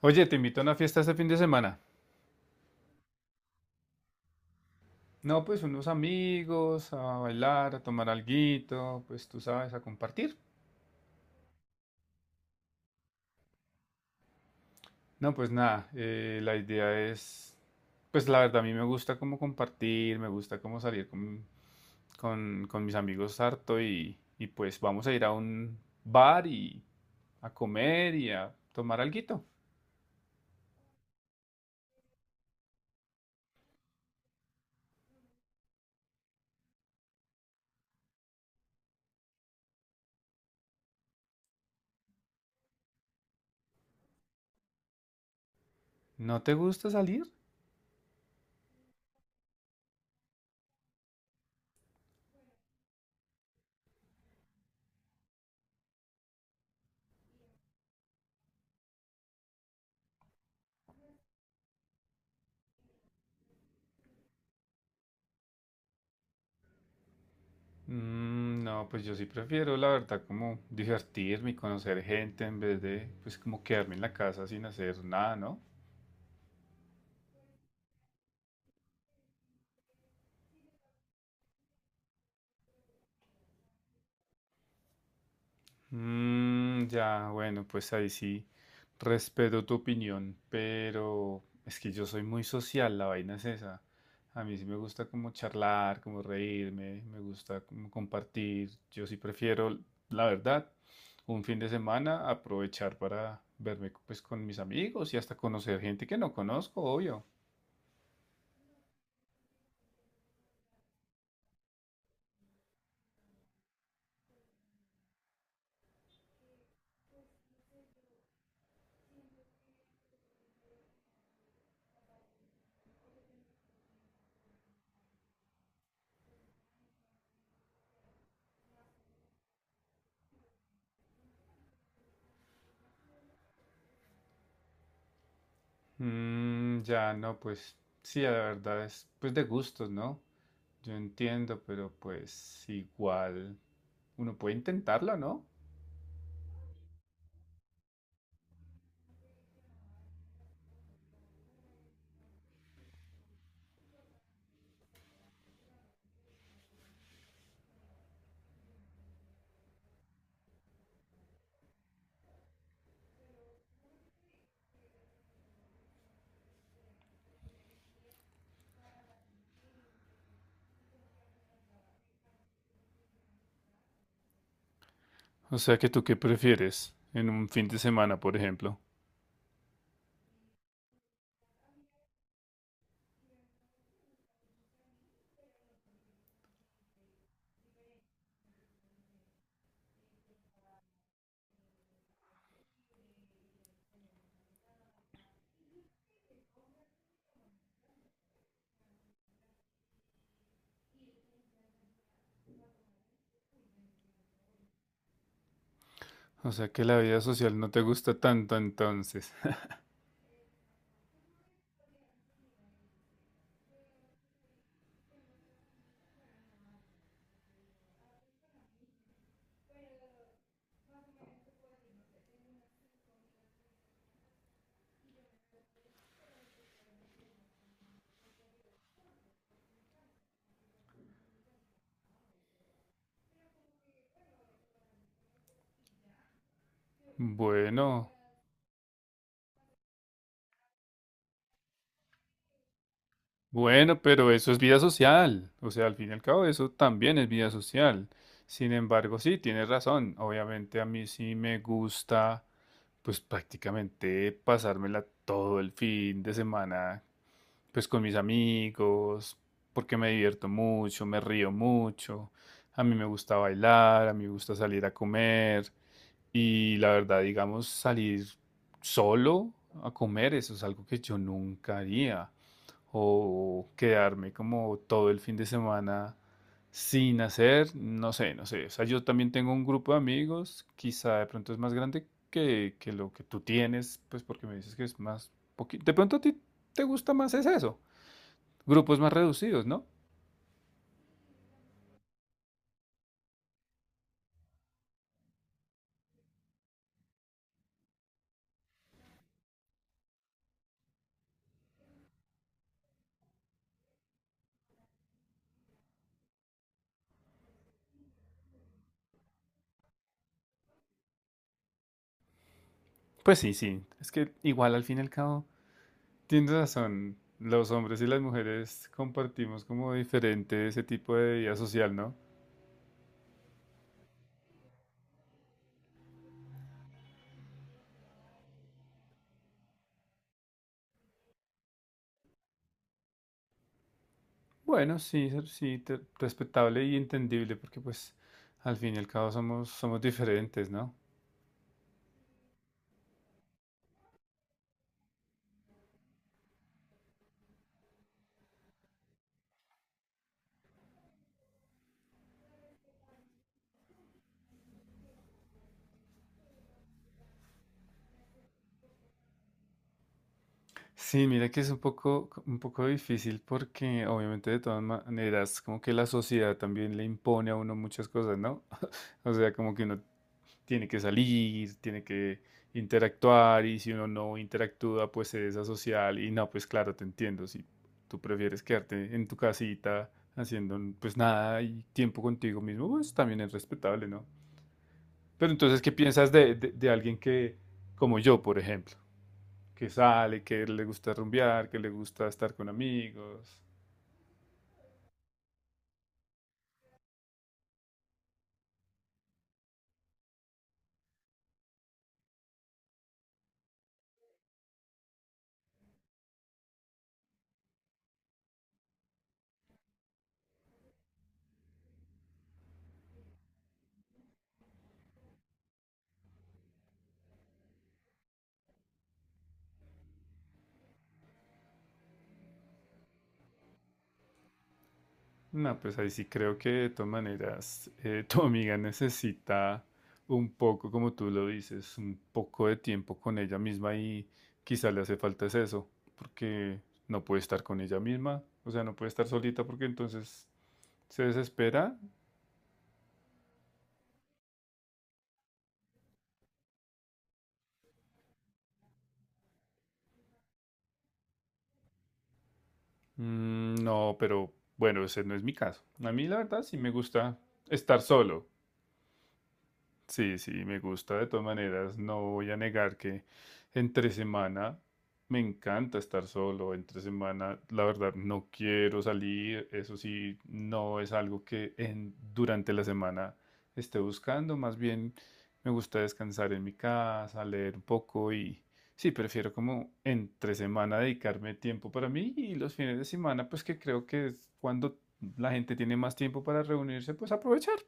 Oye, te invito a una fiesta este fin de semana. No, pues unos amigos, a bailar, a tomar alguito, pues tú sabes, a compartir. No, pues nada, la idea es, pues la verdad a mí me gusta como compartir, me gusta como salir con mis amigos harto y pues vamos a ir a un bar y a comer y a tomar alguito. ¿No te gusta salir? Mm, no, pues yo sí prefiero, la verdad, como divertirme y conocer gente en vez de, pues, como quedarme en la casa sin hacer nada, ¿no? Mm, ya, bueno, pues ahí sí respeto tu opinión, pero es que yo soy muy social, la vaina es esa. A mí sí me gusta como charlar, como reírme, me gusta como compartir. Yo sí prefiero, la verdad, un fin de semana aprovechar para verme, pues, con mis amigos y hasta conocer gente que no conozco, obvio. Mm, ya, no, pues sí, la verdad es pues de gustos, ¿no? Yo entiendo, pero pues igual uno puede intentarlo, ¿no? O sea que tú qué prefieres en un fin de semana, por ejemplo. O sea que la vida social no te gusta tanto entonces. Bueno, Bueno, pero eso es vida social. O sea, al fin y al cabo, eso también es vida social. Sin embargo, sí, tienes razón. Obviamente a mí sí me gusta, pues prácticamente pasármela todo el fin de semana, pues con mis amigos, porque me divierto mucho, me río mucho. A mí me gusta bailar, a mí me gusta salir a comer. Y la verdad, digamos, salir solo a comer, eso es algo que yo nunca haría o quedarme como todo el fin de semana sin hacer, no sé, no sé. O sea, yo también tengo un grupo de amigos, quizá de pronto es más grande que lo que tú tienes, pues porque me dices que es más poquito. De pronto a ti te gusta más es eso, grupos más reducidos, ¿no? Pues sí, sí, es que igual al fin y al cabo tienes razón, los hombres y las mujeres compartimos como diferente ese tipo de vida social, ¿no? Bueno, sí, respetable y entendible, porque pues al fin y al cabo somos diferentes, ¿no? Sí, mira que es un poco difícil porque obviamente de todas maneras como que la sociedad también le impone a uno muchas cosas, ¿no? O sea, como que uno tiene que salir, tiene que interactuar y si uno no interactúa pues se desasocial y no, pues claro, te entiendo, si tú prefieres quedarte en tu casita haciendo pues nada y tiempo contigo mismo, pues también es respetable, ¿no? Pero entonces, ¿qué piensas de alguien que, como yo, por ejemplo, que sale, que le gusta rumbear, que le gusta estar con amigos? No, pues ahí sí creo que de todas maneras tu amiga necesita un poco, como tú lo dices, un poco de tiempo con ella misma y quizá le hace falta es eso, porque no puede estar con ella misma, o sea, no puede estar solita porque entonces se desespera. Mm, no, pero bueno, ese no es mi caso. A mí la verdad sí me gusta estar solo. Sí, sí, me gusta de todas maneras. No voy a negar que entre semana me encanta estar solo. Entre semana, la verdad, no quiero salir. Eso sí, no es algo que durante la semana esté buscando. Más bien, me gusta descansar en mi casa, leer un poco y sí, prefiero como entre semana dedicarme tiempo para mí y los fines de semana, pues que creo que es cuando la gente tiene más tiempo para reunirse, pues aprovechar.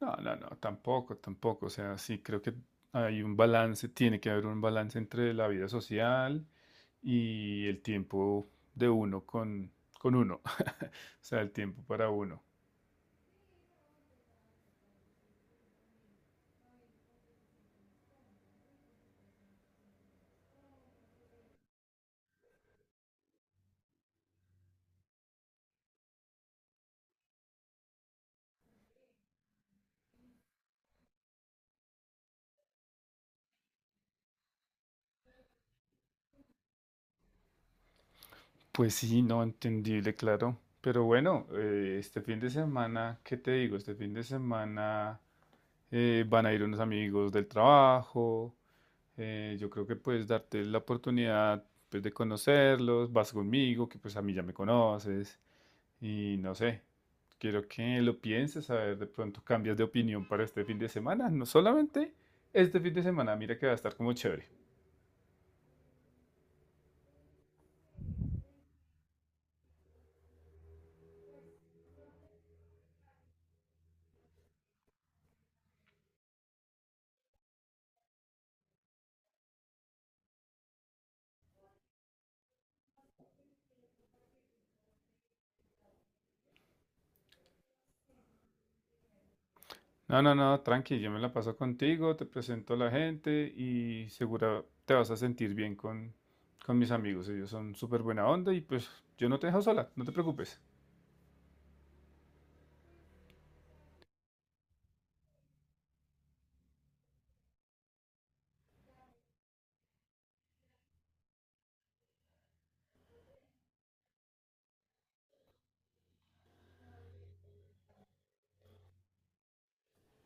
No, no, no, tampoco, tampoco. O sea, sí, creo que hay un balance, tiene que haber un balance entre la vida social y el tiempo de uno con uno. O sea, el tiempo para uno. Pues sí, no, entendible, claro. Pero bueno, este fin de semana, ¿qué te digo? Este fin de semana van a ir unos amigos del trabajo. Yo creo que puedes darte la oportunidad pues, de conocerlos. Vas conmigo, que pues a mí ya me conoces. Y no sé, quiero que lo pienses, a ver, de pronto cambias de opinión para este fin de semana, no solamente este fin de semana, mira que va a estar como chévere. No, no, no, tranqui, yo me la paso contigo, te presento a la gente y segura te vas a sentir bien con mis amigos, ellos son súper buena onda y pues yo no te dejo sola, no te preocupes.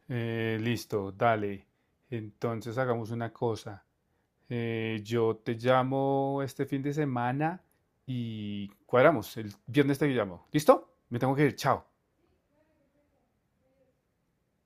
Listo, dale, entonces hagamos una cosa. Yo te llamo este fin de semana y cuadramos. El viernes te llamo. ¿Listo? Me tengo que ir. Chao.